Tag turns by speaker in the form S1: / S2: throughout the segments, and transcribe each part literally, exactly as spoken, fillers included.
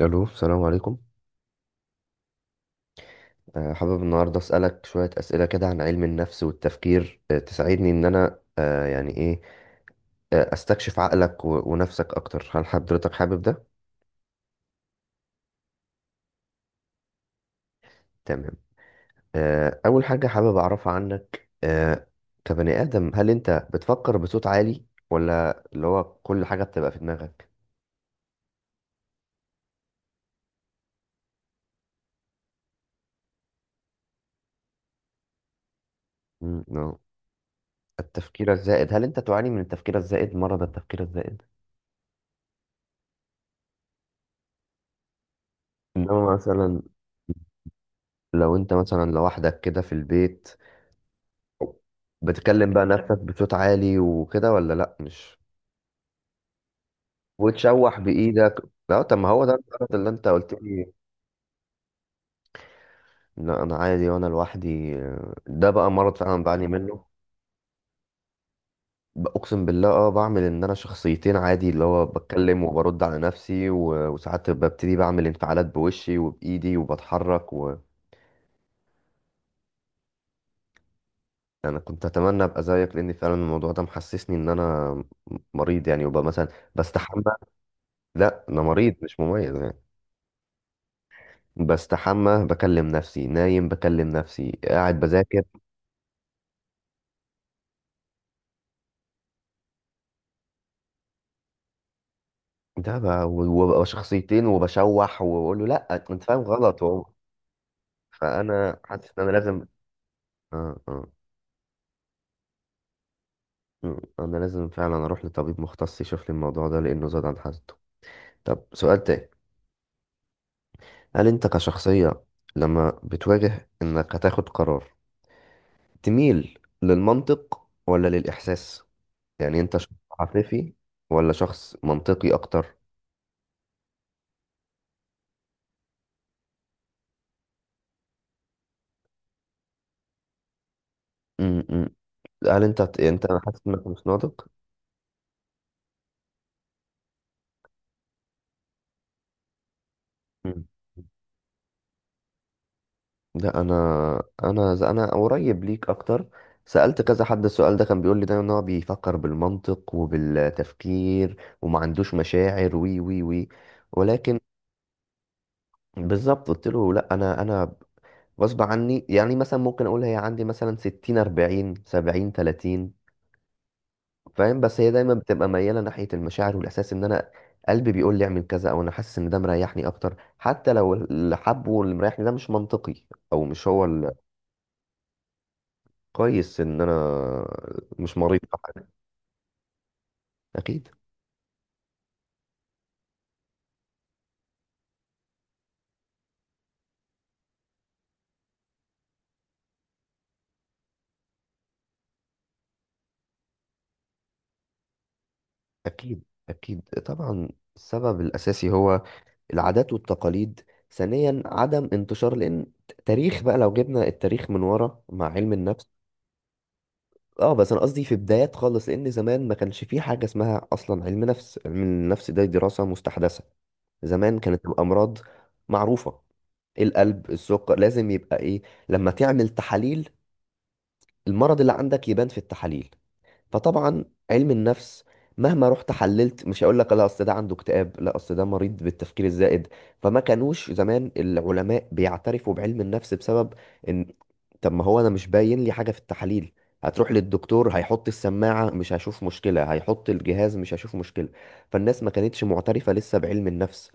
S1: الو، السلام عليكم. آه، حابب النهارده اسالك شويه اسئله كده عن علم النفس والتفكير، آه، تساعدني ان انا آه، يعني ايه، آه، استكشف عقلك و- ونفسك اكتر. هل حضرتك حابب ده؟ تمام. آه، اول حاجه حابب اعرفها عنك، آه، كبني ادم، هل انت بتفكر بصوت عالي ولا اللي هو كل حاجه بتبقى في دماغك؟ مم، نعم. التفكير الزائد، هل انت تعاني من التفكير الزائد، مرض التفكير الزائد؟ انما مثلا لو انت مثلا لوحدك كده في البيت بتكلم بقى نفسك بصوت عالي وكده ولا لا، مش وتشوح بايدك؟ لا طب ما هو ده المرض اللي انت قلت لي. لا انا عادي وانا لوحدي، آه، ده بقى مرض فعلا بعاني منه. ب- اقسم بالله، اه بعمل ان انا شخصيتين عادي، اللي هو بتكلم وبرد على نفسي، و- وساعات ببتدي بعمل انفعالات بوشي وبايدي وبتحرك و... انا كنت اتمنى ابقى زيك، لان فعلا الموضوع ده محسسني ان انا مريض يعني، وبقى مثلا بستحمى. لا انا مريض مش مميز يعني. بستحمى بكلم نفسي، نايم بكلم نفسي، قاعد بذاكر. ده بقى، وببقى شخصيتين وبشوح وبقول له لا انت فاهم غلط وهو، فانا حاسس ان انا لازم. آه آه. آه، انا لازم فعلا اروح لطبيب مختص يشوف لي الموضوع ده لانه زاد عن حده. طب سؤال تاني، هل انت كشخصية لما بتواجه انك هتاخد قرار تميل للمنطق ولا للاحساس؟ يعني انت شخص عاطفي ولا شخص منطقي اكتر؟ مم. مم. هل انت هت- انت انا حاسس انك مش ناضج. مم. لا انا انا ز- انا قريب ليك اكتر. سألت كذا حد السؤال ده، كان بيقول لي دايما ان هو بيفكر بالمنطق وبالتفكير وما عندوش مشاعر وي وي وي، ولكن بالظبط قلت له لا انا انا غصب عني. يعني مثلا ممكن اقول هي عندي مثلا ستين أربعين سبعين ثلاثين فاهم، بس هي دايما بتبقى مياله ناحيه المشاعر والاحساس، ان انا قلبي بيقول لي اعمل كذا، او انا حاسس ان ده مريحني اكتر، حتى لو اللي حبه واللي مريحني ده مش منطقي او مش هو. الكويس ان انا مش مريض في حاجه. اكيد اكيد اكيد طبعا. السبب الاساسي هو العادات والتقاليد. ثانيا عدم انتشار، لان تاريخ بقى، لو جبنا التاريخ من ورا مع علم النفس، اه بس انا قصدي في بدايات خالص، لان زمان ما كانش في حاجه اسمها اصلا علم نفس. علم النفس ده دراسه مستحدثه. زمان كانت الامراض معروفه، القلب، السكر لازم يبقى ايه، لما تعمل تحاليل المرض اللي عندك يبان في التحاليل. فطبعا علم النفس مهما رحت حللت مش هقول لك لا اصل ده عنده اكتئاب، لا اصل ده مريض بالتفكير الزائد. فما كانوش زمان العلماء بيعترفوا بعلم النفس، بسبب ان، طب ما هو انا مش باين لي حاجة في التحاليل. هتروح للدكتور، هيحط السماعة مش هشوف مشكلة، هيحط الجهاز مش هشوف مشكلة. فالناس ما كانتش معترفة لسه بعلم النفس،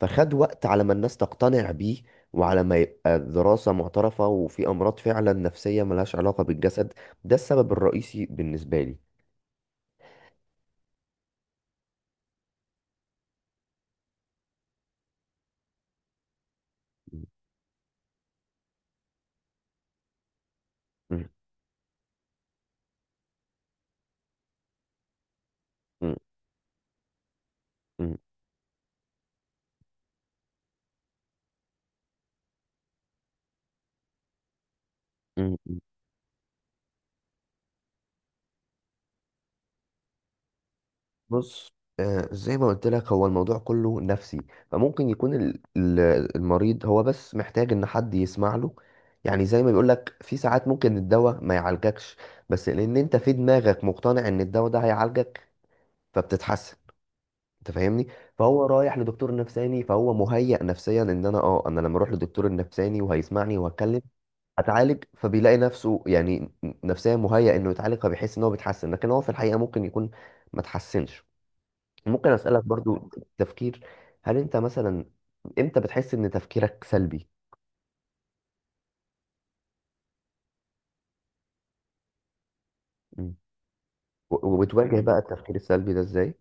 S1: فخد وقت على ما الناس تقتنع بيه، وعلى ما يبقى دراسة معترفة وفي أمراض فعلا نفسية ملهاش علاقة بالجسد. ده السبب الرئيسي بالنسبة لي. مم. مم. مم. مم. بص، آه زي ما قلت لك هو الموضوع كله نفسي. فممكن يكون ال- ال- المريض هو بس محتاج ان حد يسمع له. يعني زي ما بيقول لك، في ساعات ممكن الدواء ما يعالجكش، بس لان انت في دماغك مقتنع ان الدواء ده هيعالجك فبتتحسن. انت فاهمني؟ فهو رايح لدكتور نفساني، فهو مهيأ نفسيا ان انا اه انا لما اروح للدكتور النفساني وهيسمعني وهتكلم اتعالج، فبيلاقي نفسه يعني نفسيا مهيأ انه يتعالج، فبيحس ان هو بيتحسن، لكن هو في الحقيقه ممكن يكون ما تحسنش. ممكن اسالك برضو تفكير، هل انت مثلا امتى بتحس ان تفكيرك سلبي؟ مم. و- وبتواجه مم. بقى التفكير السلبي ده ازاي؟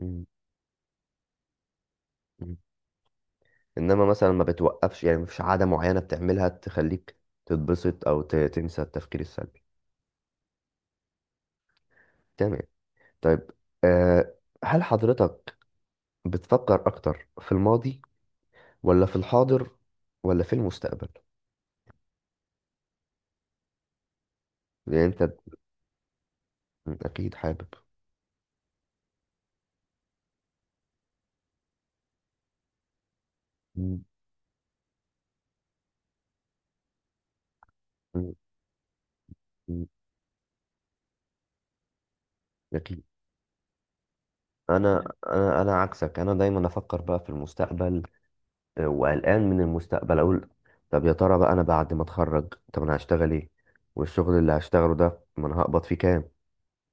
S1: مم. مم. انما مثلا ما بتوقفش يعني، مفيش عاده معينه بتعملها تخليك تتبسط او ت- تنسى التفكير السلبي؟ تمام. طيب، أه، هل حضرتك بتفكر اكتر في الماضي ولا في الحاضر ولا في المستقبل؟ يعني انت، اكيد حابب. مم. مم. مم. اكيد. انا انا انا عكسك، انا دايما افكر بقى في المستقبل، آه، وقلقان من المستقبل اقول طب يا ترى بقى انا بعد ما اتخرج طب انا هشتغل ايه، والشغل اللي هشتغله ده ما انا هقبض فيه كام،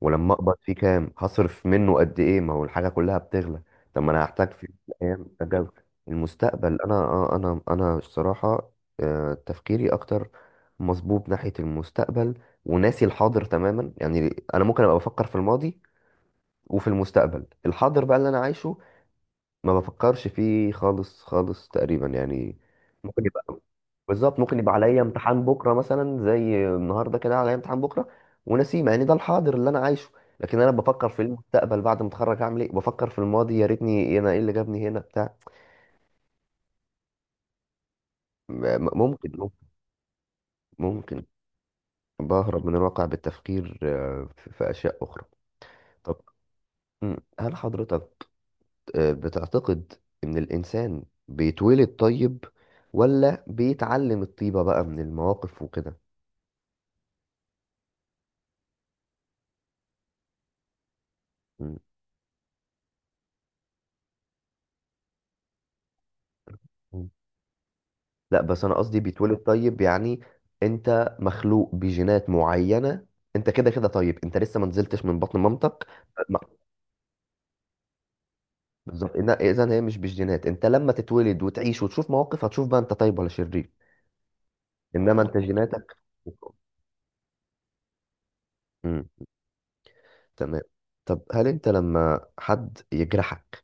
S1: ولما اقبض فيه كام هصرف منه قد ايه، ما هو الحاجه كلها بتغلى. طب ما انا هحتاج في يوم من الايام اجل المستقبل. انا آه، انا انا الصراحه، آه، تفكيري اكتر مصبوب ناحيه المستقبل وناسي الحاضر تماما. يعني انا ممكن ابقى بفكر في الماضي وفي المستقبل، الحاضر بقى اللي انا عايشه ما بفكرش فيه خالص خالص تقريبا يعني. ممكن يبقى، بالظبط ممكن يبقى عليا امتحان بكره مثلا، زي النهارده كده عليا امتحان بكره ونسيم، يعني ده الحاضر اللي انا عايشه. لكن انا بفكر في المستقبل بعد ما اتخرج هعمل ايه، بفكر في الماضي يا ريتني، انا ايه اللي جابني هنا بتاع. م- م- ممكن ممكن ممكن. بهرب من الواقع بالتفكير، آه، في في اشياء اخرى. طب، مم، هل حضرتك آه، بتعتقد إن الإنسان بيتولد طيب، ولا بيتعلم الطيبة بقى من المواقف وكده؟ م- م. لا بس أنا قصدي بيتولد طيب يعني، أنت مخلوق بجينات معينة، أنت كده كده طيب، أنت لسه ما نزلتش من بطن مامتك. ما- بالظبط، إذا هي مش بالجينات. أنت لما تتولد وتعيش وتشوف مواقف هتشوف بقى أنت طيب ولا شرير. إنما أنت جيناتك. مم. تمام. طب هل أنت لما حد يجرحك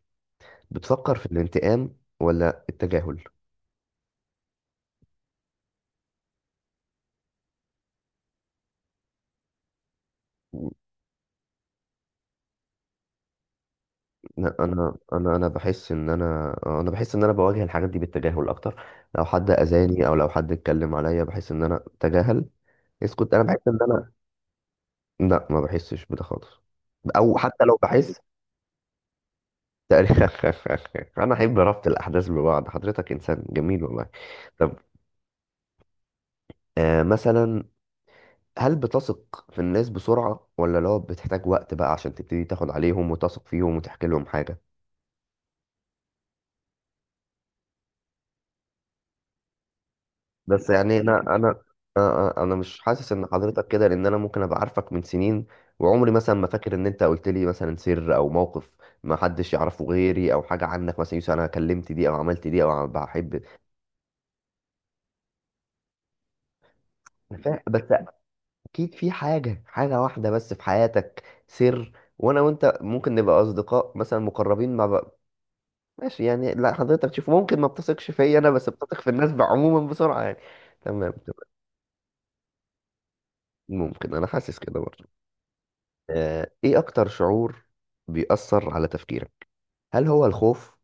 S1: بتفكر في الانتقام ولا التجاهل؟ لا، انا انا انا بحس ان انا، آه، انا بحس ان انا بواجه الحاجات دي بالتجاهل اكتر. لو حد اذاني او لو حد اتكلم عليا بحس ان انا تجاهل، اسكت، انا بحس ان انا. لا ما بحسش بده خالص، او حتى لو بحس. تقريبا. انا احب ربط الاحداث ببعض، حضرتك انسان جميل والله. طب، آه مثلا، هل بتثق في الناس بسرعة، ولا لو بتحتاج وقت بقى عشان تبتدي تاخد عليهم وتثق فيهم وتحكي لهم حاجة؟ بس يعني انا انا آه، آه، انا مش حاسس ان حضرتك كده، لان انا ممكن ابقى عارفك من سنين، وعمري مثلا ما فاكر ان انت قلت لي مثلا سر او موقف ما حدش يعرفه غيري، او حاجه عنك، مثلا يوسف انا كلمت دي او عملت دي او بحب. أنا فاهم، بس اكيد في حاجه حاجه واحده بس في حياتك، سر، وانا وانت ممكن نبقى اصدقاء مثلا مقربين مع بقى. ماشي يعني، لا حضرتك شوف، ممكن ما بتثقش فيا انا، بس بتثق في الناس عموما بسرعه يعني. تمام تمام. ممكن، انا حاسس كده برضه. آه، ايه اكتر شعور بيأثر على تفكيرك، هل هو الخوف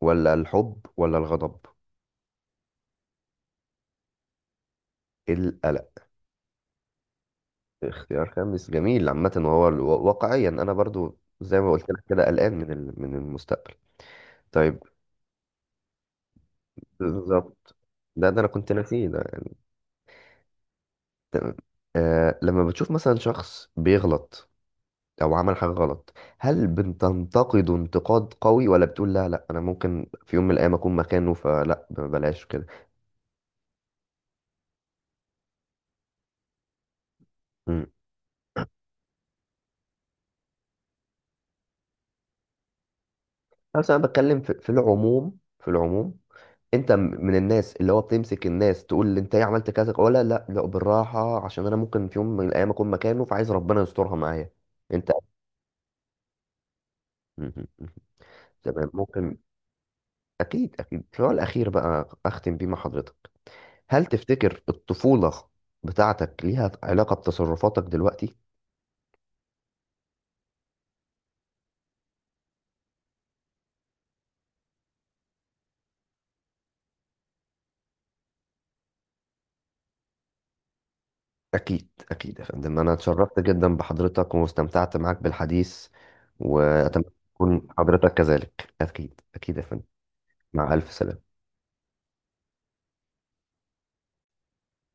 S1: ولا الحب ولا الغضب؟ القلق. اختيار خامس جميل عامة، وهو ال-، واقعيا انا برضو زي ما قلت لك كده قلقان من ال- من المستقبل. طيب، بالظبط، ده ده انا كنت ناسيه ده. تمام. آه لما بتشوف مثلا شخص بيغلط او عمل حاجة غلط، هل بتنتقده انتقاد قوي، ولا بتقول لا لا انا ممكن في يوم من الايام اكون مكانه فلا ب- بلاش كده؟ بس انا بتكلم في، في العموم، في العموم. انت م- من الناس اللي هو بتمسك الناس تقول لي انت ايه عملت كذا، ولا لا لا بالراحه عشان انا ممكن في يوم من الايام اكون مكانه فعايز ربنا يسترها معايا؟ انت، مهم. تمام ممكن. اكيد اكيد، السؤال الاخير بقى اختم بيه مع حضرتك، هل تفتكر الطفوله بتاعتك ليها علاقه بتصرفاتك دلوقتي؟ اكيد اكيد يا فندم، انا اتشرفت جدا بحضرتك واستمتعت معاك بالحديث، واتمنى تكون حضرتك كذلك. اكيد اكيد يا فندم، مع ألف سلامة.